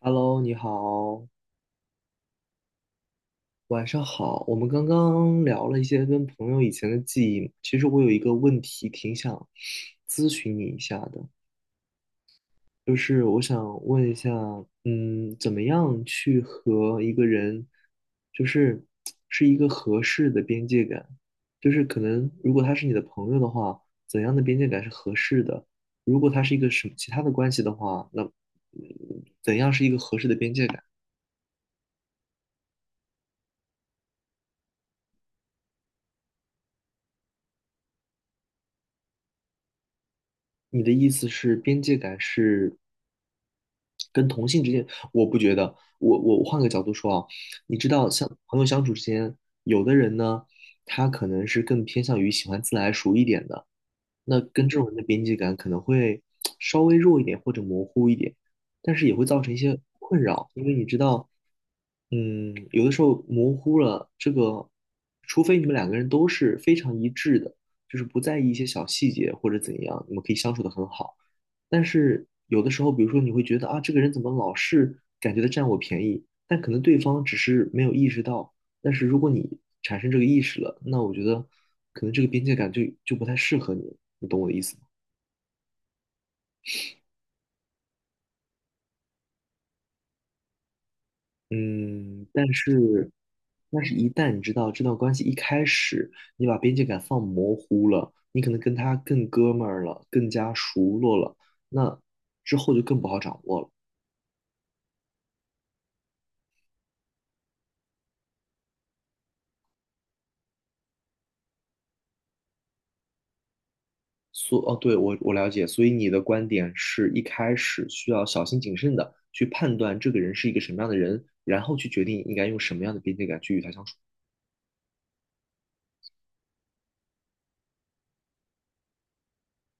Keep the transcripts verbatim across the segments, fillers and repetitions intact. Hello，你好，晚上好。我们刚刚聊了一些跟朋友以前的记忆，其实我有一个问题挺想咨询你一下的，就是我想问一下，嗯，怎么样去和一个人，就是是一个合适的边界感，就是可能如果他是你的朋友的话，怎样的边界感是合适的？如果他是一个什么其他的关系的话，那嗯怎样是一个合适的边界感？你的意思是边界感是？跟同性之间，我不觉得。我我我换个角度说啊，你知道，像朋友相处之间，有的人呢，他可能是更偏向于喜欢自来熟一点的，那跟这种人的边界感可能会稍微弱一点或者模糊一点，但是也会造成一些困扰，因为你知道，嗯，有的时候模糊了这个，除非你们两个人都是非常一致的，就是不在意一些小细节或者怎样，你们可以相处得很好。但是有的时候，比如说你会觉得啊，这个人怎么老是感觉他占我便宜，但可能对方只是没有意识到。但是如果你产生这个意识了，那我觉得可能这个边界感就就不太适合你，你懂我的意思吗？嗯，但是，但是，一旦你知道这段关系一开始你把边界感放模糊了，你可能跟他更哥们儿了，更加熟络了，那之后就更不好掌握了。所哦，对，我我了解，所以你的观点是一开始需要小心谨慎的去判断这个人是一个什么样的人，然后去决定应该用什么样的边界感去与他相处，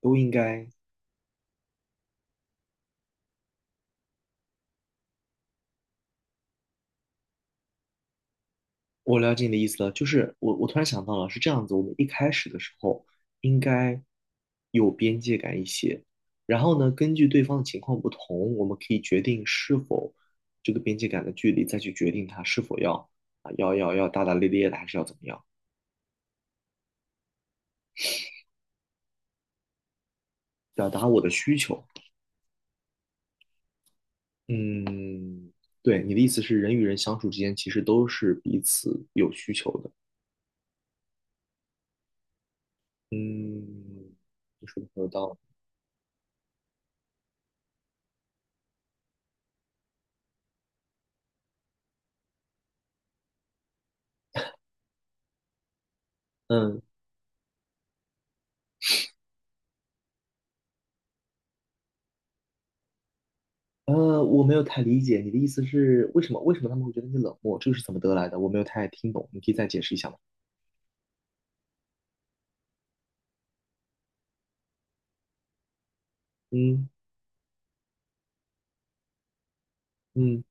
都应该。我了解你的意思了，就是我我突然想到了，是这样子，我们一开始的时候应该有边界感一些，然后呢，根据对方的情况不同，我们可以决定是否这个边界感的距离，再去决定他是否要啊要要要大大咧咧的，还是要怎么样，表达我的需求。嗯，对，你的意思是人与人相处之间其实都是彼此有需求的。嗯，你说的很有道理。嗯，呃，我没有太理解你的意思是为什么？为什么他们会觉得你冷漠？这个是怎么得来的？我没有太听懂，你可以再解释一下吗？嗯嗯，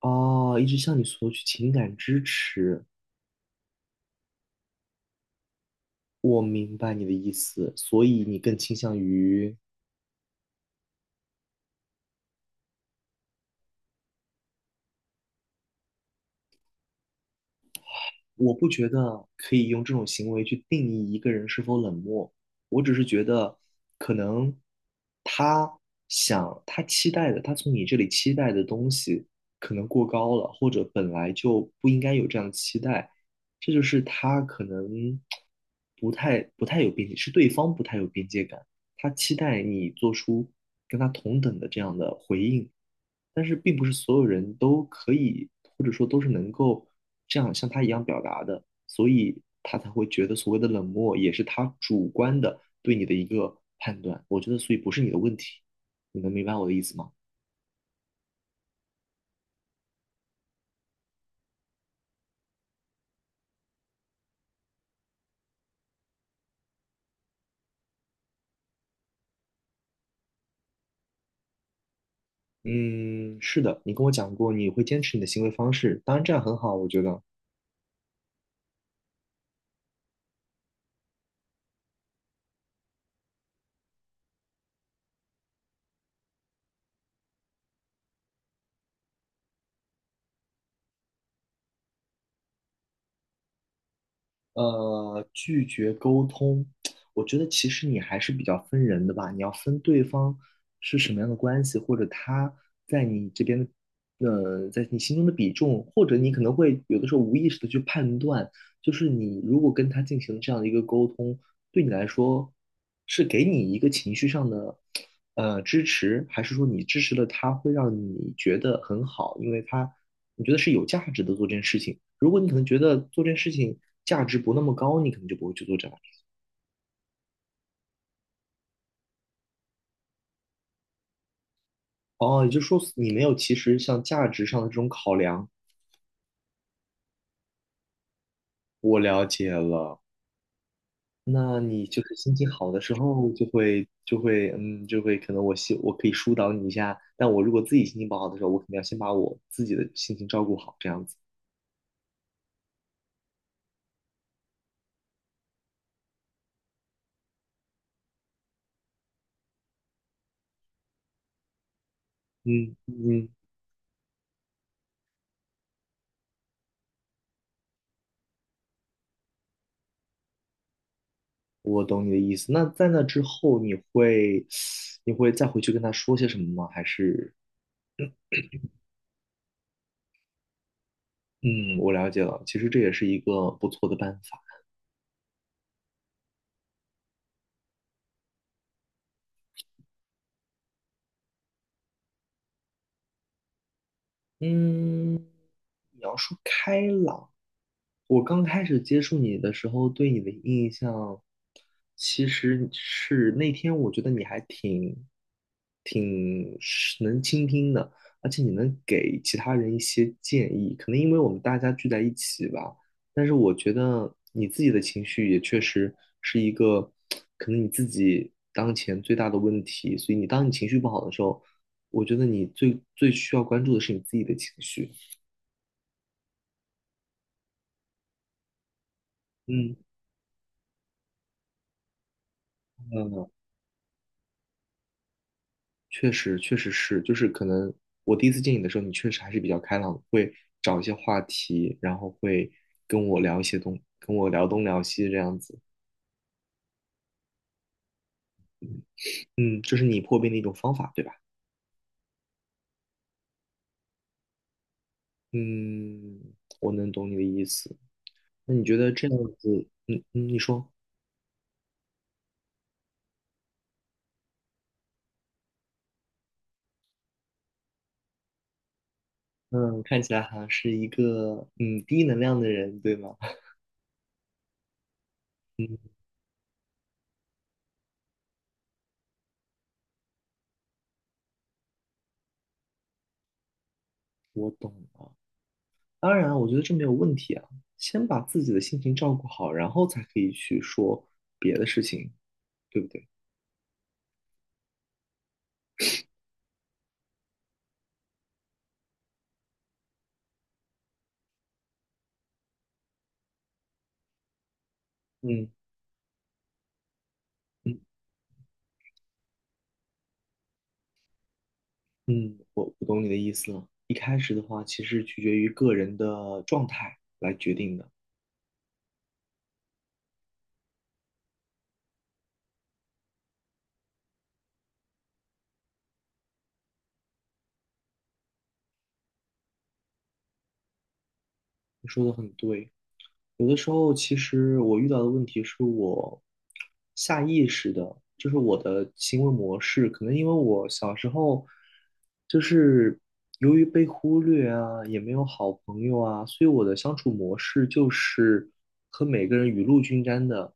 哦，一直向你索取情感支持，我明白你的意思，所以你更倾向于我不觉得可以用这种行为去定义一个人是否冷漠，我只是觉得可能他想他期待的，他从你这里期待的东西可能过高了，或者本来就不应该有这样的期待，这就是他可能不太不太有边界，是对方不太有边界感。他期待你做出跟他同等的这样的回应，但是并不是所有人都可以，或者说都是能够这样像他一样表达的，所以他才会觉得所谓的冷漠也是他主观的对你的一个判断。我觉得，所以不是你的问题，你能明白我的意思吗？嗯，是的，你跟我讲过你会坚持你的行为方式，当然这样很好，我觉得。呃，拒绝沟通，我觉得其实你还是比较分人的吧。你要分对方是什么样的关系，或者他在你这边的，呃，在你心中的比重，或者你可能会有的时候无意识的去判断，就是你如果跟他进行这样的一个沟通，对你来说是给你一个情绪上的呃支持，还是说你支持了他会让你觉得很好，因为他你觉得是有价值的做这件事情。如果你可能觉得做这件事情价值不那么高，你可能就不会去做这样。哦，也就是说你没有其实像价值上的这种考量。我了解了，那你就是心情好的时候就会就会嗯就会可能我希我可以疏导你一下，但我如果自己心情不好的时候，我肯定要先把我自己的心情照顾好，这样子。嗯嗯，我懂你的意思。那在那之后，你会 你会再回去跟他说些什么吗？还是？嗯，我了解了。其实这也是一个不错的办法。嗯，你要说开朗，我刚开始接触你的时候，对你的印象，其实是那天我觉得你还挺挺是能倾听的，而且你能给其他人一些建议。可能因为我们大家聚在一起吧，但是我觉得你自己的情绪也确实是一个可能你自己当前最大的问题。所以你当你情绪不好的时候，我觉得你最最需要关注的是你自己的情绪。嗯，确实，确实是，就是可能我第一次见你的时候，你确实还是比较开朗的，会找一些话题，然后会跟我聊一些东，跟我聊东聊西这样子。嗯，这是你破冰的一种方法，对吧？嗯，我能懂你的意思。那你觉得这样子，嗯嗯，你说，嗯，看起来好像是一个嗯低能量的人，对吗？嗯，我懂了。当然啊，我觉得这没有问题啊。先把自己的心情照顾好，然后才可以去说别的事情，对不对？嗯嗯嗯，我我懂你的意思了。一开始的话，其实取决于个人的状态来决定的。你说的很对。有的时候，其实我遇到的问题是我下意识的，就是我的行为模式，可能因为我小时候就是由于被忽略啊，也没有好朋友啊，所以我的相处模式就是和每个人雨露均沾的，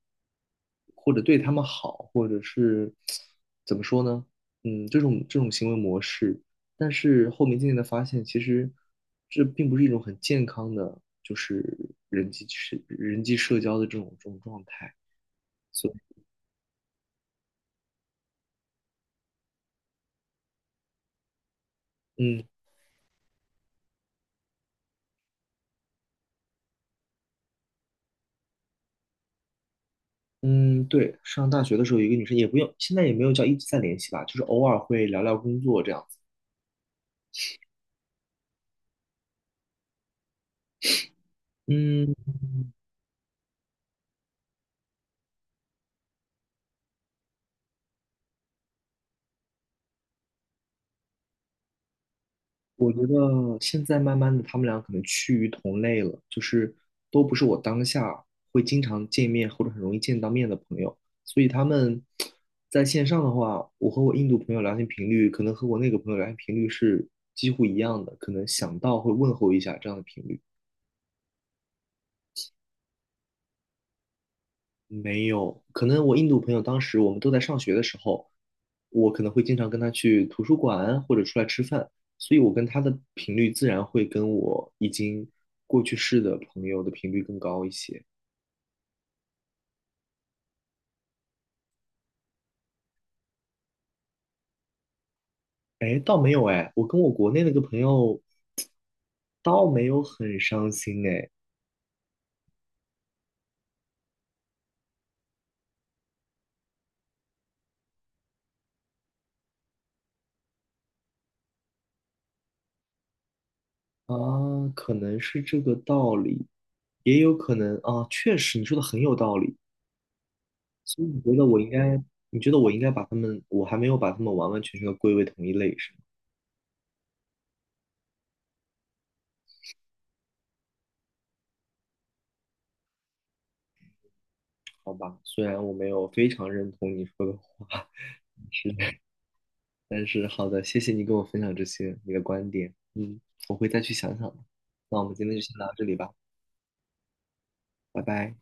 或者对他们好，或者是怎么说呢？嗯，这种这种行为模式。但是后面渐渐的发现，其实这并不是一种很健康的。就是人际社人际社交的这种这种状态，所以嗯嗯，对，上大学的时候有一个女生也不用，现在也没有叫一直在联系吧，就是偶尔会聊聊工作这样子。嗯，我觉得现在慢慢的他们俩可能趋于同类了，就是都不是我当下会经常见面或者很容易见到面的朋友，所以他们在线上的话，我和我印度朋友聊天频率可能和我那个朋友聊天频率是几乎一样的，可能想到会问候一下这样的频率。没有，可能我印度朋友当时我们都在上学的时候，我可能会经常跟他去图书馆或者出来吃饭，所以我跟他的频率自然会跟我已经过去式的朋友的频率更高一些。哎，倒没有哎，我跟我国内那个朋友倒没有很伤心哎，啊，可能是这个道理，也有可能啊，确实你说的很有道理，所以你觉得我应该，你觉得我应该把他们，我还没有把他们完完全全的归为同一类，是吗？好吧，虽然我没有非常认同你说的话，是，但是好的，谢谢你跟我分享这些你的观点，嗯，我会再去想想的。那我们今天就先聊到这里吧，拜拜。